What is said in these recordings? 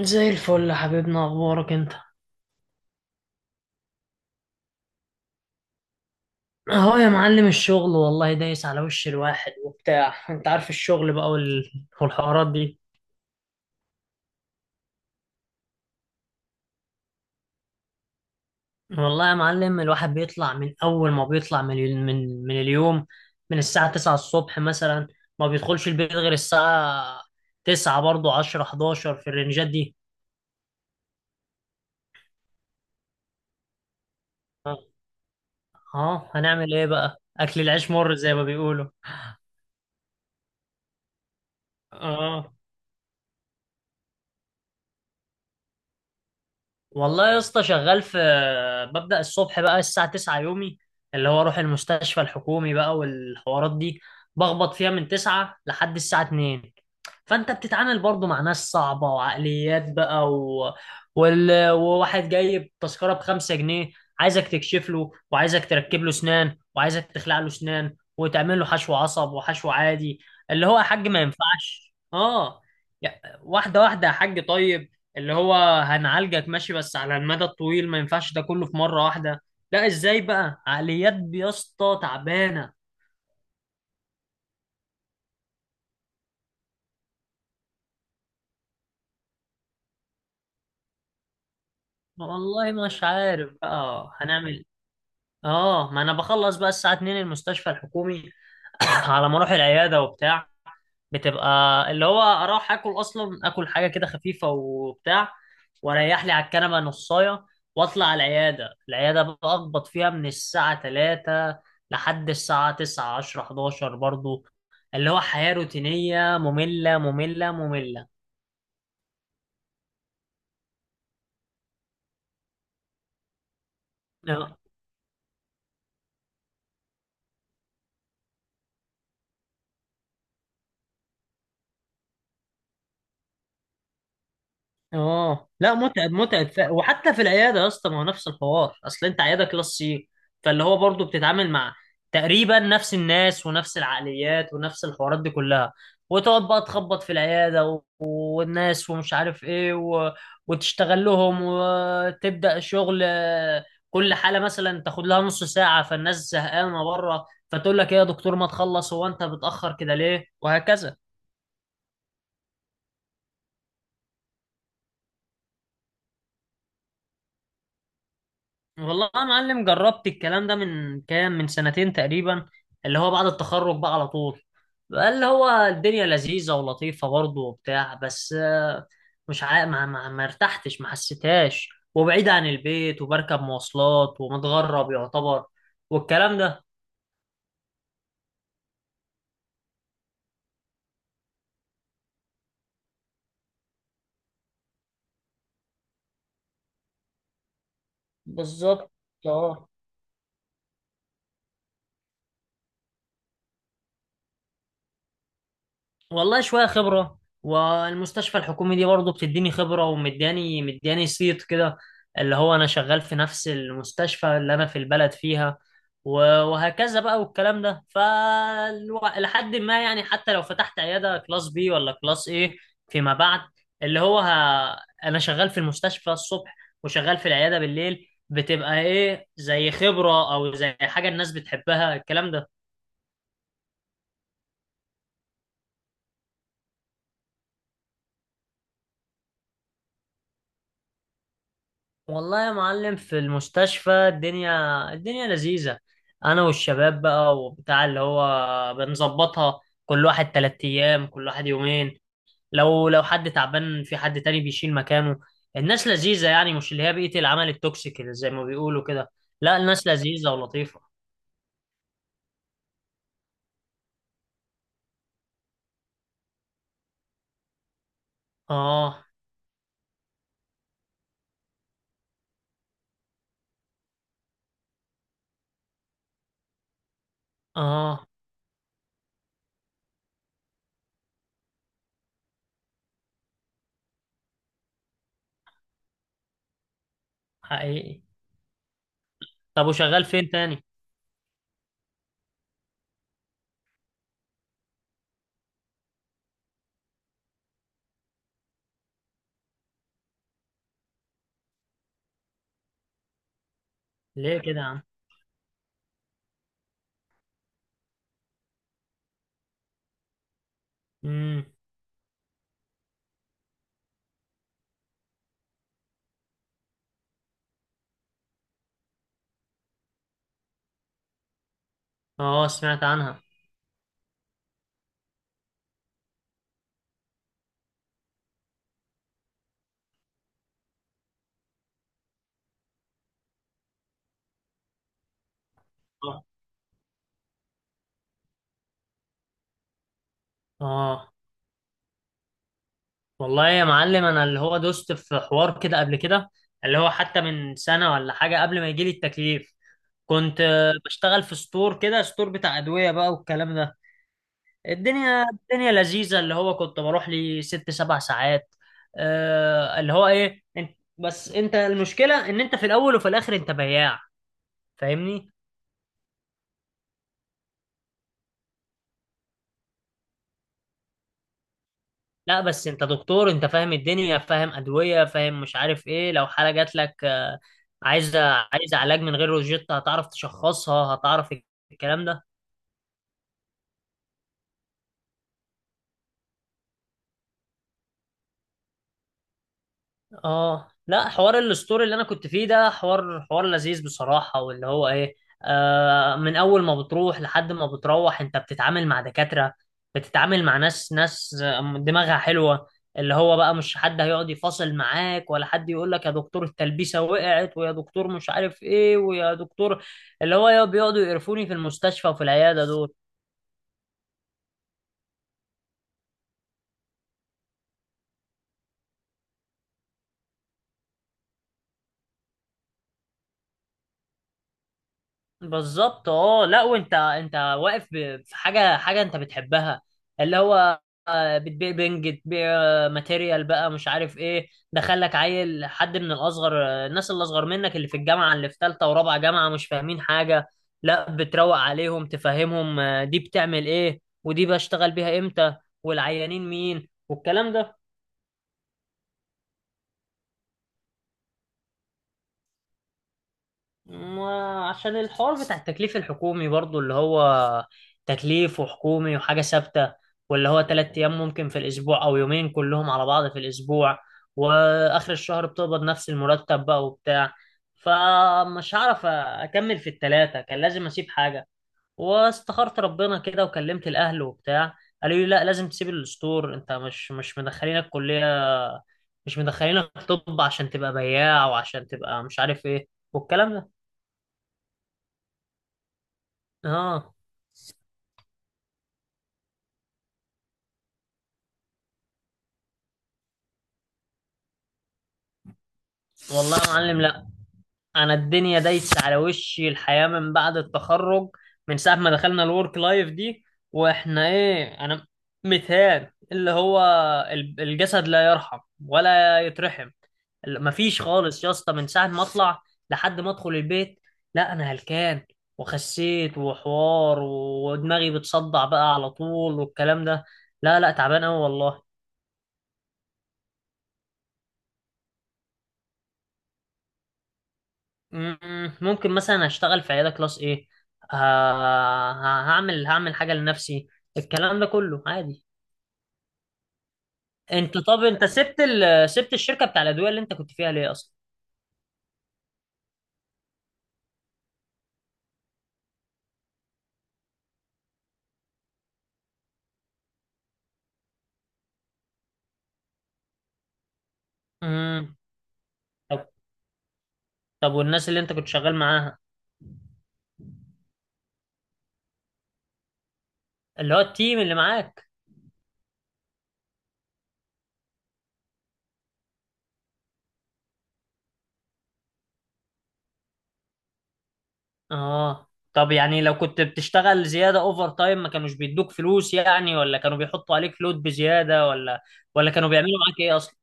زي الفل يا حبيبنا، اخبارك انت؟ اهو يا معلم الشغل والله دايس على وش الواحد وبتاع، انت عارف الشغل بقى والحوارات دي. والله يا معلم الواحد بيطلع، من اول ما بيطلع من اليوم، من الساعة 9 الصبح مثلا، ما بيدخلش البيت غير الساعة 9 برضه، 10، 11 في الرنجات دي. اه، هنعمل ايه بقى، اكل العيش مر زي ما بيقولوا. اه، والله يا اسطى شغال في، ببدأ الصبح بقى الساعة 9 يومي، اللي هو اروح المستشفى الحكومي بقى والحوارات دي، بخبط فيها من 9 لحد الساعة 2. فانت بتتعامل برضو مع ناس صعبة وعقليات بقى وواحد جايب تذكرة بخمسة جنيه، عايزك تكشف له وعايزك تركب له سنان وعايزك تخلع له سنان وتعمل له حشو عصب وحشو عادي. اللي هو يا حاج ما ينفعش، اه، واحدة واحدة يا حاج، طيب. اللي هو هنعالجك ماشي، بس على المدى الطويل ما ينفعش ده كله في مرة واحدة. لا ازاي بقى؟ عقليات يا اسطى تعبانة. والله مش عارف بقى هنعمل. اه، ما انا بخلص بقى الساعة 2 المستشفى الحكومي. على ما اروح العيادة وبتاع، بتبقى اللي هو اروح اكل اصلا، اكل حاجة كده خفيفة وبتاع، واريح لي على الكنبة نصاية، واطلع على العيادة بقى اخبط فيها من الساعة 3 لحد الساعة 9، 10، 11 برضو. اللي هو حياة روتينية، مملة مملة مملة. اه لا، متعب متعب وحتى في العياده يا اسطى، ما هو نفس الحوار، اصل انت عياده كلاس سي، فاللي هو برضه بتتعامل مع تقريبا نفس الناس ونفس العقليات ونفس الحوارات دي كلها، وتقعد بقى تخبط في العياده والناس، ومش عارف ايه، وتشتغل لهم، وتبدا شغل كل حاله مثلا تاخد لها نص ساعه، فالناس زهقانه بره، فتقول لك ايه يا دكتور ما تخلص، هو انت بتاخر كده ليه، وهكذا. والله يا معلم جربت الكلام ده من كام، من سنتين تقريبا، اللي هو بعد التخرج بقى على طول. بقى اللي هو الدنيا لذيذة ولطيفة برضه وبتاع، بس مش عا... ما ارتحتش، ما حسيتهاش، وبعيد عن البيت، وبركب مواصلات ومتغرب يعتبر، والكلام ده. بالظبط. اه، والله شوية خبرة، والمستشفى الحكومي دي برضه بتديني خبرة، ومدياني مدياني صيت كده، اللي هو أنا شغال في نفس المستشفى اللي أنا في البلد فيها، وهكذا بقى والكلام ده، فلحد ما يعني حتى لو فتحت عيادة كلاس بي ولا كلاس ايه، فيما بعد، اللي هو أنا شغال في المستشفى الصبح وشغال في العيادة بالليل، بتبقى ايه زي خبرة أو زي حاجة الناس بتحبها، الكلام ده. والله يا معلم في المستشفى، الدنيا لذيذة. أنا والشباب بقى وبتاع، اللي هو بنظبطها، كل واحد 3 أيام، كل واحد يومين، لو حد تعبان في، حد تاني بيشيل مكانه. الناس لذيذة يعني، مش اللي هي بيئة العمل التوكسيك اللي زي ما بيقولوا كده. لا، الناس لذيذة ولطيفة. آه، آه، حقيقي. طب وشغال فين تاني؟ ليه كده يا عم؟ مم. آه، سمعت عنها. آه، آه. والله يا معلم انا، اللي هو دوست في حوار كده قبل كده، اللي هو حتى من سنة ولا حاجة قبل ما يجيلي التكليف، كنت بشتغل في ستور كده، ستور بتاع أدوية بقى والكلام ده. الدنيا لذيذة، اللي هو كنت بروح لي ست سبع ساعات. آه، اللي هو ايه، انت بس انت المشكلة ان انت في الاول وفي الاخر انت بياع، فاهمني. لا بس انت دكتور، انت فاهم الدنيا، فاهم ادويه، فاهم مش عارف ايه، لو حاله جات لك عايزه عايزه علاج من غير روجيتا، هتعرف تشخصها، هتعرف الكلام ده. اه لا، حوار الستوري اللي انا كنت فيه ده حوار لذيذ بصراحة، واللي هو ايه، من اول ما بتروح لحد ما بتروح، انت بتتعامل مع دكاترة، بتتعامل مع ناس، ناس دماغها حلوة، اللي هو بقى مش حد هيقعد يفاصل معاك، ولا حد يقول لك يا دكتور التلبيسة وقعت، ويا دكتور مش عارف ايه، ويا دكتور، اللي هو بيقعدوا يقرفوني في المستشفى وفي العيادة دول. بالظبط. اه لا، وانت واقف في حاجه انت بتحبها، اللي هو بتبيع بنج، بتبيع ماتيريال بقى، مش عارف ايه، دخلك عيل حد من الاصغر، الناس اللي اصغر منك، اللي في الجامعه، اللي في ثالثه ورابعه جامعه، مش فاهمين حاجه، لا بتروق عليهم تفهمهم، دي بتعمل ايه، ودي بشتغل بيها امتى، والعيانين مين، والكلام ده. ما عشان الحوار بتاع التكليف الحكومي برضو، اللي هو تكليف وحكومي وحاجة ثابتة، واللي هو تلات أيام ممكن في الأسبوع، أو يومين كلهم على بعض في الأسبوع، وآخر الشهر بتقبض نفس المرتب بقى وبتاع، فمش هعرف أكمل في التلاتة، كان لازم أسيب حاجة. واستخرت ربنا كده، وكلمت الأهل وبتاع، قالوا لي لا، لازم تسيب الستور، أنت مش مدخلينك كلية، مش مدخلينك طب عشان تبقى بياع، وعشان تبقى مش عارف إيه، والكلام ده. اه. والله يا معلم لا، انا الدنيا دايسه على وشي، الحياه من بعد التخرج، من ساعه ما دخلنا الورك لايف دي، واحنا ايه، انا متهان، اللي هو الجسد لا يرحم ولا يترحم. مفيش خالص يا اسطى، من ساعه ما اطلع لحد ما ادخل البيت، لا انا هلكان، وخسيت وحوار، ودماغي بتصدع بقى على طول والكلام ده. لا لا، تعبان قوي والله. مم، ممكن مثلا هشتغل في عيادة كلاس ايه، ه- هعمل حاجة لنفسي، الكلام ده كله عادي. طب انت سبت الشركة بتاع الأدوية اللي انت كنت فيها ليه اصلا؟ امم طب طب والناس اللي انت كنت شغال معاها، اللي هو التيم اللي معاك. اه. طب يعني لو كنت بتشتغل زيادة اوفر تايم، ما كانوش بيدوك فلوس يعني، ولا كانوا بيحطوا عليك لود بزيادة، ولا كانوا بيعملوا معاك ايه اصلا؟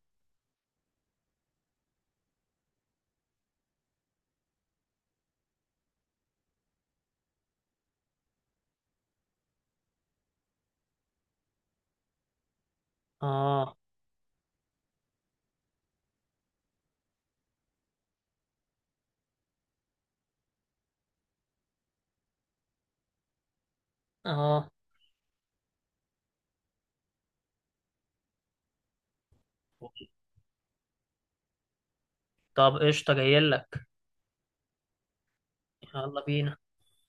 اه، اه. طب، قشطة، جايلك. يلا بينا.